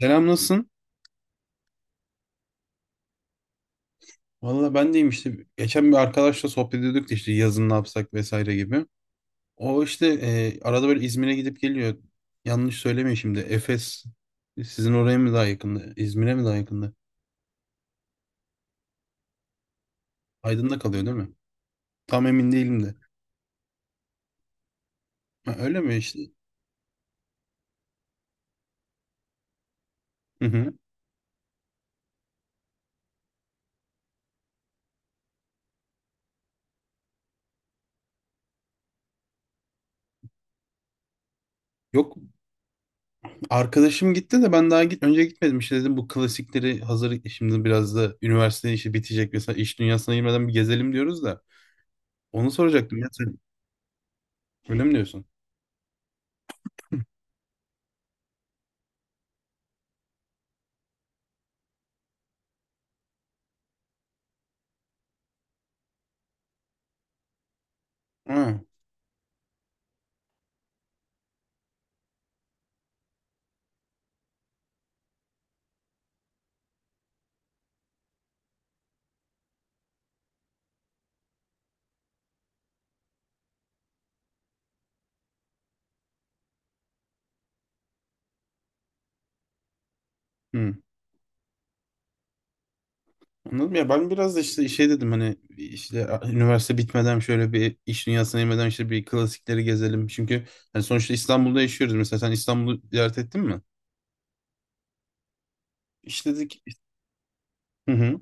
Selam, nasılsın? Valla ben deyim işte geçen bir arkadaşla sohbet ediyorduk da işte yazın ne yapsak vesaire gibi. O işte arada böyle İzmir'e gidip geliyor. Yanlış söylemeyin şimdi, Efes sizin oraya mı daha yakında? İzmir'e mi daha yakında? Aydın'da kalıyor değil mi? Tam emin değilim de. Ha, öyle mi işte? Hı hı. Yok, arkadaşım gitti de ben daha önce gitmedim işte, dedim bu klasikleri hazır şimdi biraz da üniversite işi bitecek, mesela iş dünyasına girmeden bir gezelim diyoruz da, onu soracaktım ya, sen öyle mi diyorsun? Ha. Hı. Anladım ya, ben biraz da işte şey dedim, hani işte üniversite bitmeden şöyle bir iş dünyasına inmeden işte bir klasikleri gezelim. Çünkü hani sonuçta İstanbul'da yaşıyoruz. Mesela sen İstanbul'u ziyaret ettin mi? İşledik. Hı hı,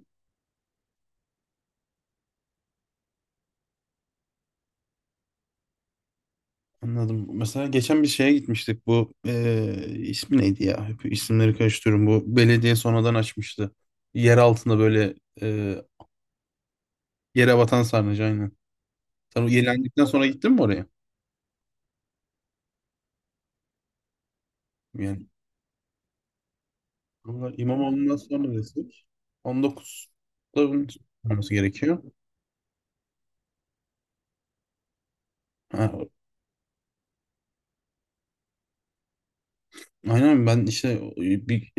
anladım. Mesela geçen bir şeye gitmiştik, bu ismi neydi ya? Hep isimleri karıştırıyorum. Bu belediye sonradan açmıştı. Yer altında böyle, eee, yere batan sarnıcı, aynen. Sen o yenilendikten sonra gittin mi oraya? Yani vallahi İmamoğlu'ndan sonra desek 19'da olması gerekiyor. Ha, aynen, ben işte bir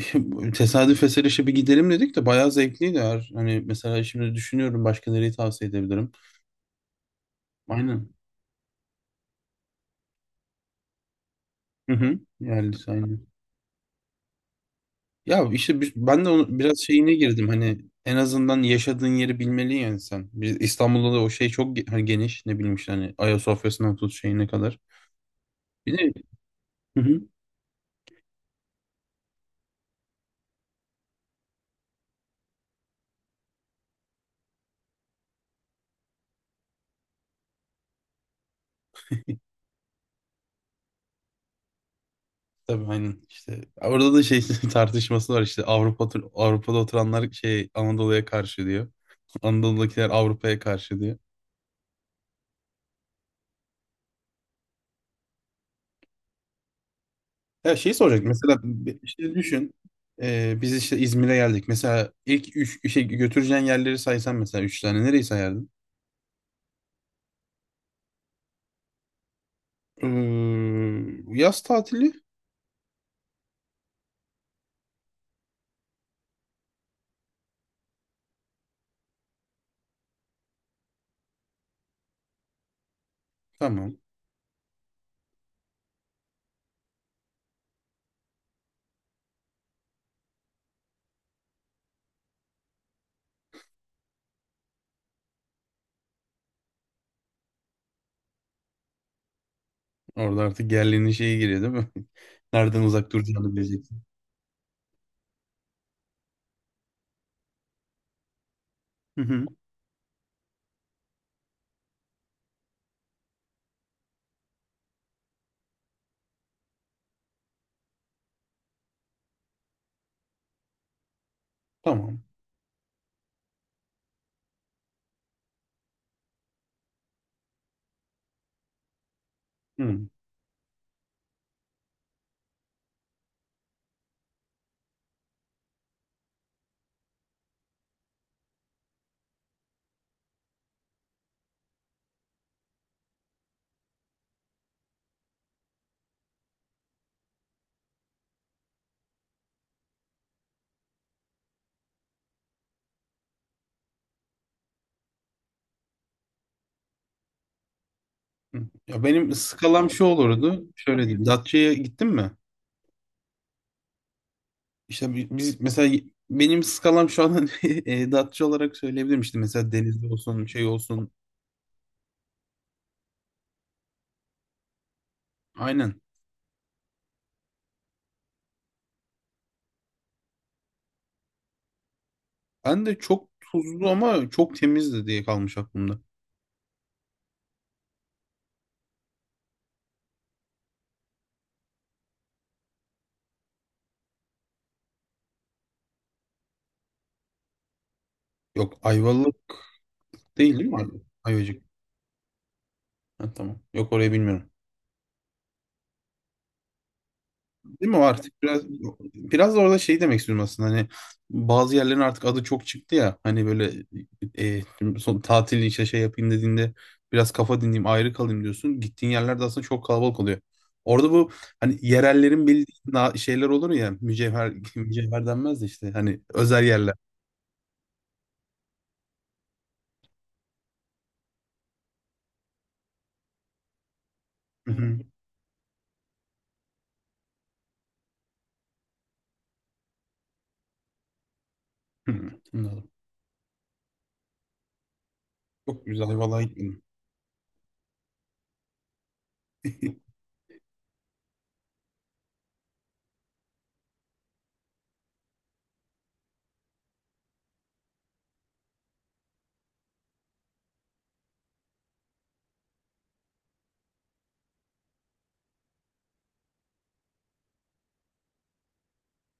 tesadüf eseri işte bir gidelim dedik de bayağı zevkliydi. Eğer, hani mesela şimdi düşünüyorum başka nereyi tavsiye edebilirim. Aynen. Hı hı. Yani aynen. Ya işte ben de onu biraz şeyine girdim hani, en azından yaşadığın yeri bilmeli yani sen. Biz İstanbul'da da o şey çok hani geniş, ne bileyim işte hani Ayasofya'sından tut şeyine kadar. Bir de hı hı. Tabii, aynen, işte orada da şey tartışması var işte. Avrupa'da oturanlar şey, Anadolu'ya karşı diyor. Anadolu'dakiler Avrupa'ya karşı diye. Ya, şeyi soracak mesela, işte düşün, biz işte İzmir'e geldik. Mesela ilk üç işe götüreceğin yerleri saysan, mesela üç tane nereyi sayardın? Ee, yaz tatili. Tamam. Orada artık yerlinin şeyi giriyor değil mi? Nereden uzak duracağını bileceksin. Hı hı. Tamam. Hı hı. Ya benim skalam şu olurdu, şöyle diyeyim. Datça'ya gittin mi? İşte biz mesela, benim skalam şu an Datça olarak söyleyebilirim işte, mesela denizli olsun şey olsun. Aynen. Ben de çok tuzlu ama çok temizdi diye kalmış aklımda. Yok, Ayvalık değil değil mi? Ayvacık. Ha, tamam. Yok, orayı bilmiyorum. Değil mi? O artık biraz da orada şey demek istiyorum aslında, hani bazı yerlerin artık adı çok çıktı ya, hani böyle, e, son tatil işte şey yapayım dediğinde biraz kafa dinleyeyim, ayrı kalayım diyorsun. Gittiğin yerlerde aslında çok kalabalık oluyor. Orada bu hani yerellerin bildiği şeyler olur ya, mücevher mücevher denmez de, işte hani özel yerler. Hı hı. Hı hı. Çok güzel, vallahi gitmedim.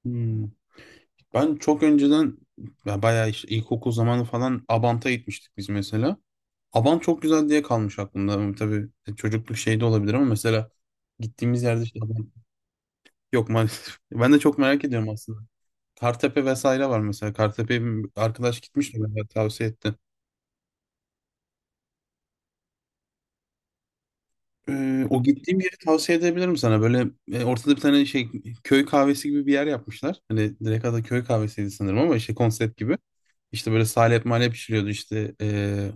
Hmm. Ben çok önceden, ya bayağı işte ilkokul zamanı falan Abant'a gitmiştik biz mesela. Abant çok güzel diye kalmış aklımda. Ama tabii, çocukluk şey de olabilir ama mesela gittiğimiz yerde işte Abant, yok maalesef. Ben de çok merak ediyorum aslında. Kartepe vesaire var mesela. Kartepe'ye bir arkadaş gitmişti, bana tavsiye etti. O gittiğim yeri tavsiye edebilirim sana. Böyle, ortada bir tane şey, köy kahvesi gibi bir yer yapmışlar. Hani direkt adı köy kahvesiydi sanırım ama işte konsept gibi. İşte böyle salep malep pişiriyordu işte,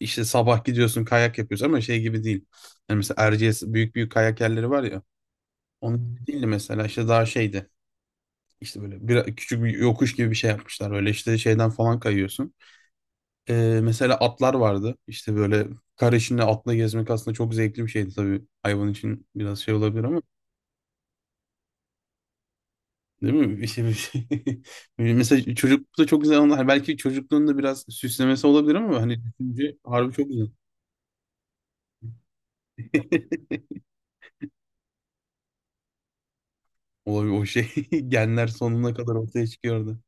işte sabah gidiyorsun kayak yapıyorsun ama şey gibi değil. Yani mesela Erciyes, büyük büyük kayak yerleri var ya. Onun gibi değildi mesela, işte daha şeydi. İşte böyle küçük bir yokuş gibi bir şey yapmışlar. Böyle işte şeyden falan kayıyorsun. Mesela atlar vardı. İşte böyle kar içinde atla gezmek aslında çok zevkli bir şeydi tabii. Hayvan için biraz şey olabilir ama, değil mi? Bir şey, bir şey. Mesela çocuklukta çok güzel onlar. Belki çocukluğunda biraz süslemesi olabilir ama, hani düşünce harbi çok güzel. O şey, genler sonuna kadar ortaya çıkıyordu.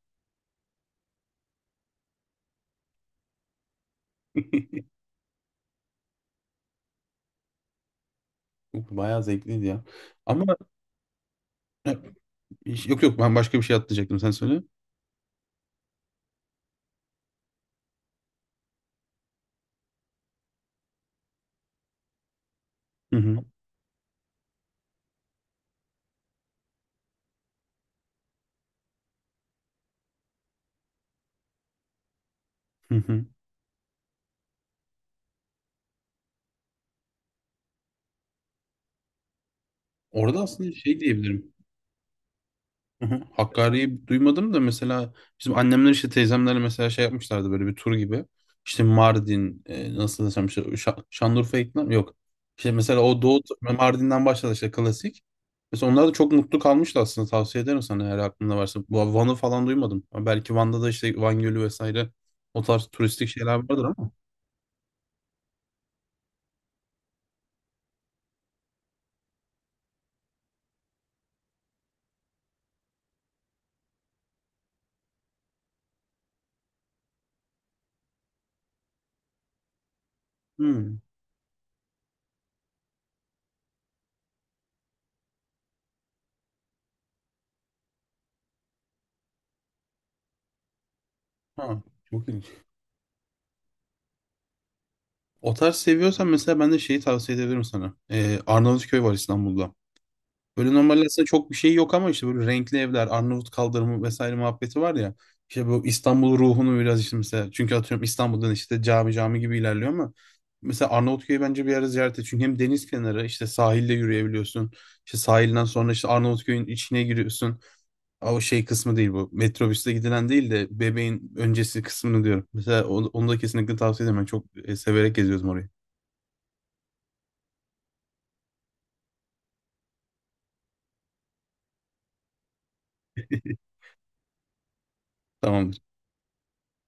Yok, bayağı zevkliydi ya. Ama, yok yok, ben başka bir şey atlayacaktım, sen söyle. Hı hı, hı hı. Orada aslında şey diyebilirim. Hı hı. Hakkari'yi duymadım da, mesela bizim annemler işte teyzemlerle mesela şey yapmışlardı, böyle bir tur gibi. İşte Mardin, nasıl desem işte, Şanlıurfa, iklim yok. İşte mesela o, Doğu Mardin'den başladı işte klasik. Mesela onlar da çok mutlu kalmıştı aslında, tavsiye ederim sana eğer aklında varsa. Bu Van'ı falan duymadım. Ama belki Van'da da işte, Van Gölü vesaire o tarz turistik şeyler vardır ama. Hmm. Ha. Çok ilginç. O tarz seviyorsan mesela, ben de şeyi tavsiye edebilirim sana. Arnavutköy var İstanbul'da. Böyle normalde aslında çok bir şey yok ama işte böyle renkli evler, Arnavut kaldırımı vesaire muhabbeti var ya. İşte bu İstanbul ruhunu biraz işte mesela. Çünkü atıyorum İstanbul'dan işte cami cami gibi ilerliyor ama, mesela Arnavutköy'ü bence bir ara ziyaret et. Çünkü hem deniz kenarı, işte sahilde yürüyebiliyorsun. İşte sahilden sonra işte Arnavutköy'ün içine giriyorsun. Aa, o şey kısmı değil bu. Metrobüsle gidilen değil de, bebeğin öncesi kısmını diyorum. Mesela onu da kesinlikle tavsiye ederim. Ben çok, severek geziyoruz orayı. Tamamdır.